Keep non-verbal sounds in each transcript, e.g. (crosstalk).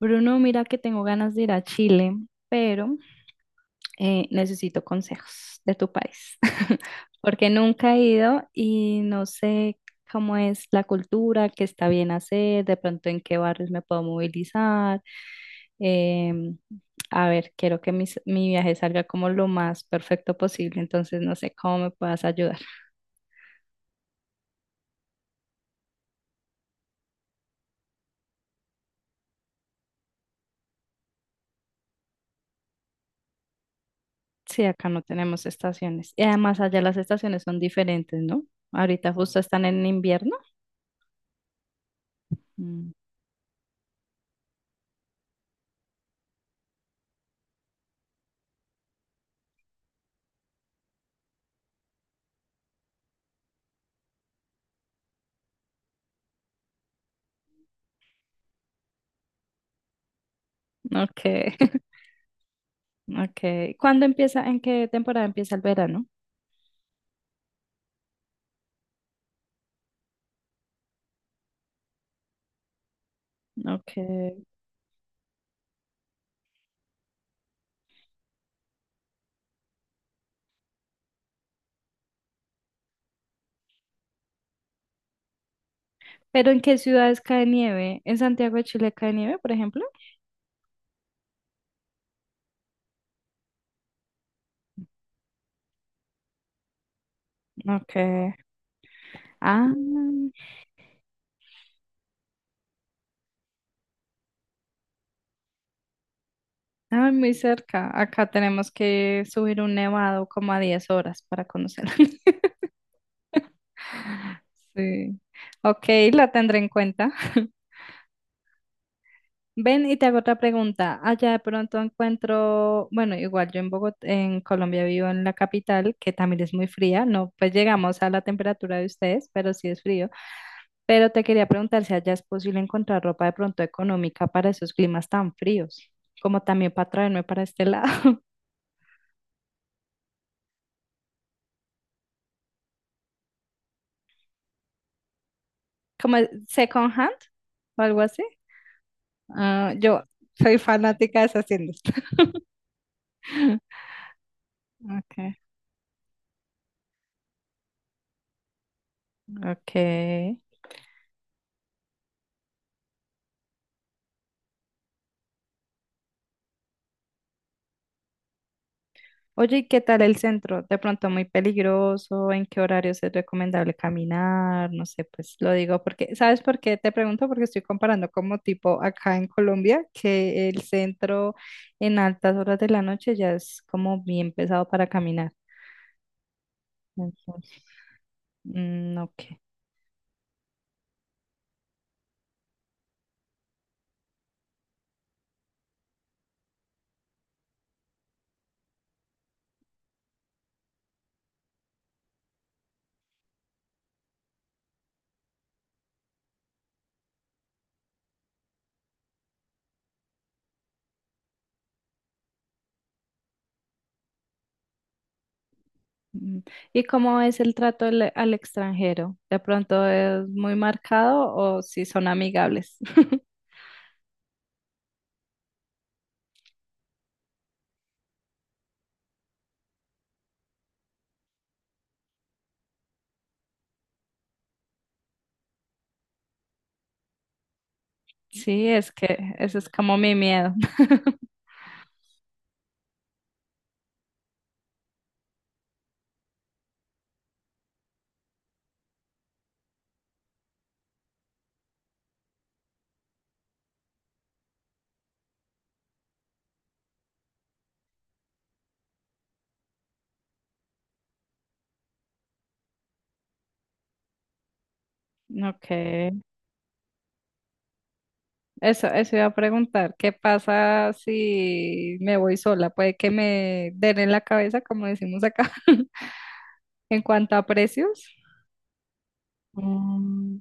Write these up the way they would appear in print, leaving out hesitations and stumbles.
Bruno, mira que tengo ganas de ir a Chile, pero necesito consejos de tu país, (laughs) porque nunca he ido y no sé cómo es la cultura, qué está bien hacer, de pronto en qué barrios me puedo movilizar. Em, a ver, quiero que mi viaje salga como lo más perfecto posible, entonces no sé cómo me puedas ayudar. Sí, acá no tenemos estaciones. Y además allá las estaciones son diferentes, ¿no? Ahorita justo están en invierno. Mm. Ok. Okay. ¿Cuándo empieza, en qué temporada empieza el verano? Okay. ¿Pero en qué ciudades cae nieve? ¿En Santiago de Chile cae nieve, por ejemplo? Okay. Ah, ah, muy cerca. Acá tenemos que subir un nevado como a 10 horas para conocerlo. (laughs) Sí. Ok, la tendré en cuenta. (laughs) Ven y te hago otra pregunta. Allá de pronto encuentro, bueno, igual yo en Bogotá, en Colombia vivo en la capital, que también es muy fría, no, pues llegamos a la temperatura de ustedes, pero sí es frío. Pero te quería preguntar si allá es posible encontrar ropa de pronto económica para esos climas tan fríos, como también para traerme para este lado, (laughs) como el second hand o algo así. Ah, yo soy fanática de esas tiendas. (laughs) Okay, ok. Oye, ¿y qué tal el centro? De pronto muy peligroso, ¿en qué horarios es recomendable caminar? No sé, pues lo digo porque, ¿sabes por qué? Te pregunto porque estoy comparando como tipo acá en Colombia, que el centro en altas horas de la noche ya es como bien pesado para caminar. Entonces, ok. Mm, ¿Y cómo es el trato al, al extranjero? ¿De pronto es muy marcado o si son amigables? (laughs) Sí, es que ese es como mi miedo. (laughs) Ok, eso iba a preguntar, ¿qué pasa si me voy sola? Puede que me den en la cabeza, como decimos acá, (laughs) en cuanto a precios. Mm.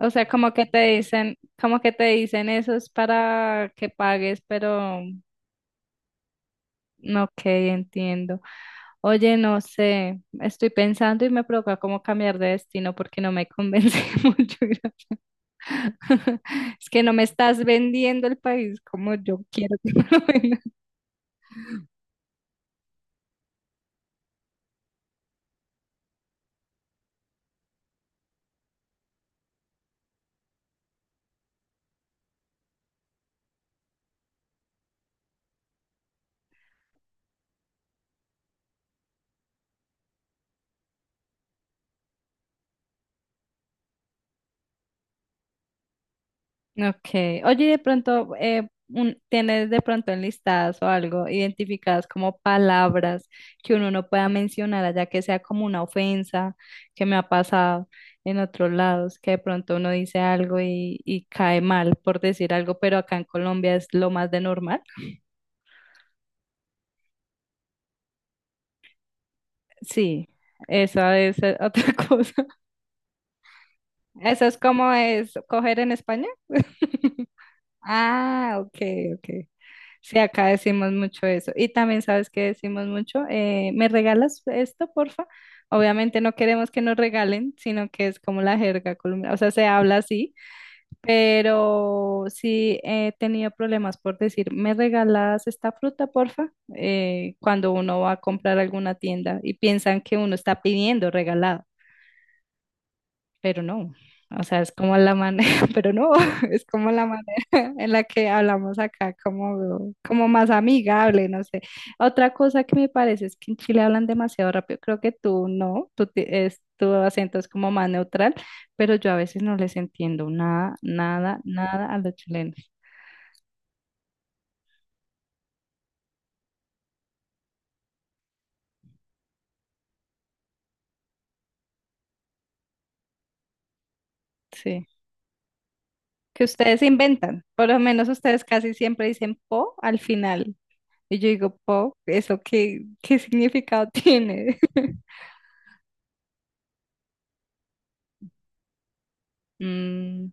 O sea, como que te dicen, como que te dicen eso es para que pagues, pero no, ok, entiendo. Oye, no sé, estoy pensando y me provoca como cambiar de destino porque no me convence (laughs) mucho. (laughs) Es que no me estás vendiendo el país como yo quiero que (laughs) me lo Okay. Oye, y de pronto, ¿tienes de pronto enlistadas o algo identificadas como palabras que uno no pueda mencionar, allá que sea como una ofensa que me ha pasado en otros lados, que de pronto uno dice algo y cae mal por decir algo, pero acá en Colombia es lo más de normal? Sí, esa es (laughs) otra cosa. ¿Eso es como es coger en España? Ah, ok, ok. Sí, acá decimos mucho eso. Y también sabes que decimos mucho, ¿me regalas esto, porfa? Obviamente no queremos que nos regalen, sino que es como la jerga colombiana, o sea, se habla así, pero sí he tenido problemas por decir, ¿me regalas esta fruta, porfa? Cuando uno va a comprar alguna tienda y piensan que uno está pidiendo regalado pero no. O sea, es como la manera, (laughs) pero no, (laughs) es como la manera (laughs) en la que hablamos acá, como, como más amigable, no sé. Otra cosa que me parece es que en Chile hablan demasiado rápido. Creo que tú no, tu acento es como más neutral, pero yo a veces no les entiendo nada, nada, nada a los chilenos. Sí. Que ustedes inventan. Por lo menos ustedes casi siempre dicen po al final. Y yo digo, po, ¿eso qué, qué significado tiene? (laughs) Mm,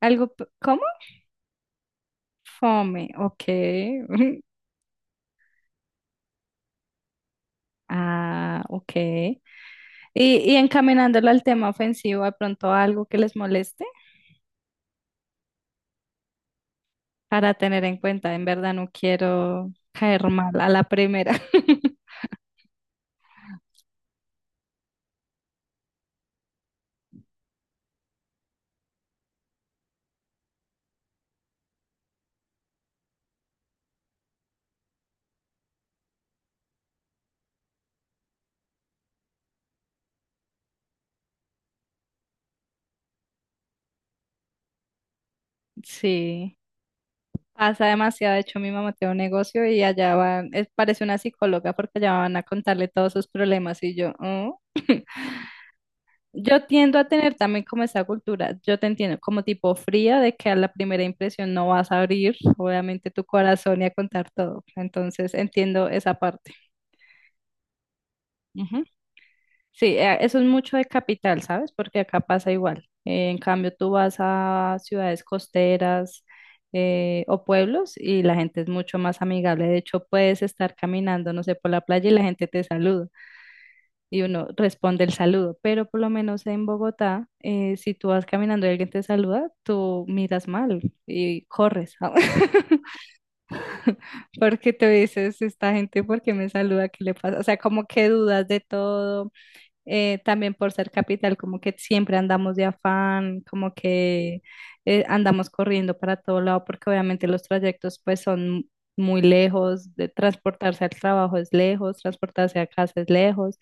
Algo, ¿cómo? Fome, ok. (laughs) Ah, ok. Y encaminándolo al tema ofensivo, ¿de pronto algo que les moleste para tener en cuenta? En verdad no quiero caer mal a la primera. (laughs) Sí, pasa demasiado. De hecho, mi mamá tiene un negocio y allá van, parece una psicóloga porque allá van a contarle todos sus problemas y yo, "Oh". (laughs) Yo tiendo a tener también como esa cultura, yo te entiendo, como tipo fría de que a la primera impresión no vas a abrir, obviamente, tu corazón y a contar todo. Entonces, entiendo esa parte. Ujú. Sí, eso es mucho de capital, ¿sabes? Porque acá pasa igual. En cambio, tú vas a ciudades costeras o pueblos y la gente es mucho más amigable. De hecho, puedes estar caminando, no sé, por la playa y la gente te saluda. Y uno responde el saludo, pero por lo menos en Bogotá, si tú vas caminando y alguien te saluda, tú miras mal y corres, (laughs) porque te dices, esta gente, ¿por qué me saluda? ¿Qué le pasa? O sea, como que dudas de todo, también por ser capital, como que siempre andamos de afán, como que andamos corriendo para todo lado, porque obviamente los trayectos pues son muy lejos, de transportarse al trabajo es lejos, transportarse a casa es lejos,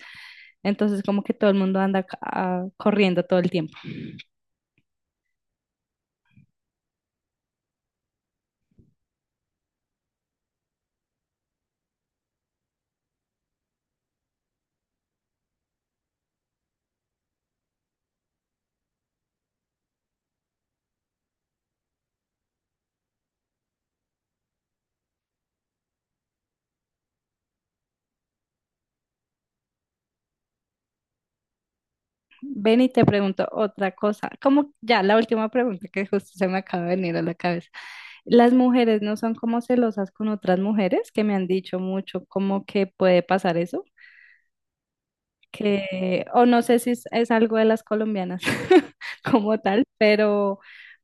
entonces como que todo el mundo anda corriendo todo el tiempo. Ven y te pregunto otra cosa, como ya la última pregunta que justo se me acaba de venir a la cabeza. Las mujeres no son como celosas con otras mujeres, que me han dicho mucho como que puede pasar eso. Que, o no sé si es, es algo de las colombianas (laughs) como tal, pero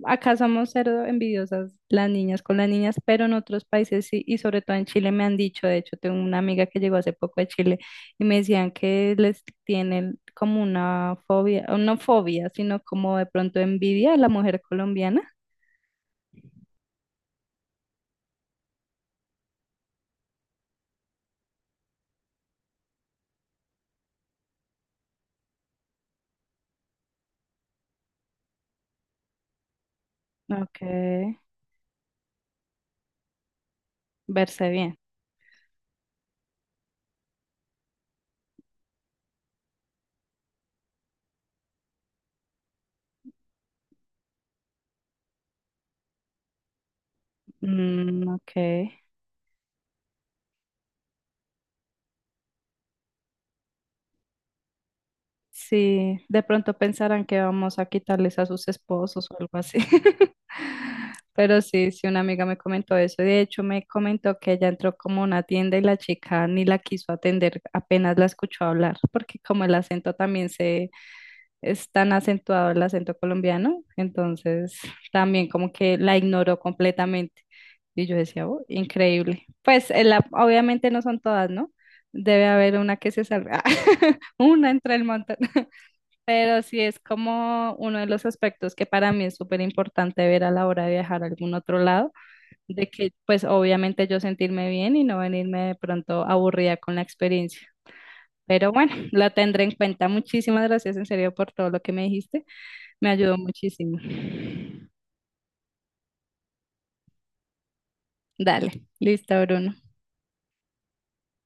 acá somos cero envidiosas las niñas con las niñas, pero en otros países sí, y sobre todo en Chile me han dicho, de hecho tengo una amiga que llegó hace poco de Chile y me decían que les tienen como una fobia, o no fobia, sino como de pronto envidia a la mujer colombiana. Ok, verse bien. Mm, ok. Sí, de pronto pensarán que vamos a quitarles a sus esposos o algo así. (laughs) Pero sí, sí, una amiga me comentó eso. De hecho, me comentó que ella entró como a una tienda y la chica ni la quiso atender, apenas la escuchó hablar, porque como el acento también es tan acentuado el acento colombiano, entonces también como que la ignoró completamente. Y yo decía, "Oh, increíble. Pues en obviamente no son todas, ¿no? Debe haber una que se salga, (laughs) una entre el montón. Pero sí es como uno de los aspectos que para mí es súper importante ver a la hora de viajar a algún otro lado, de que pues obviamente yo sentirme bien y no venirme de pronto aburrida con la experiencia. Pero bueno, lo tendré en cuenta. Muchísimas gracias en serio por todo lo que me dijiste. Me ayudó muchísimo. Dale, listo, Bruno.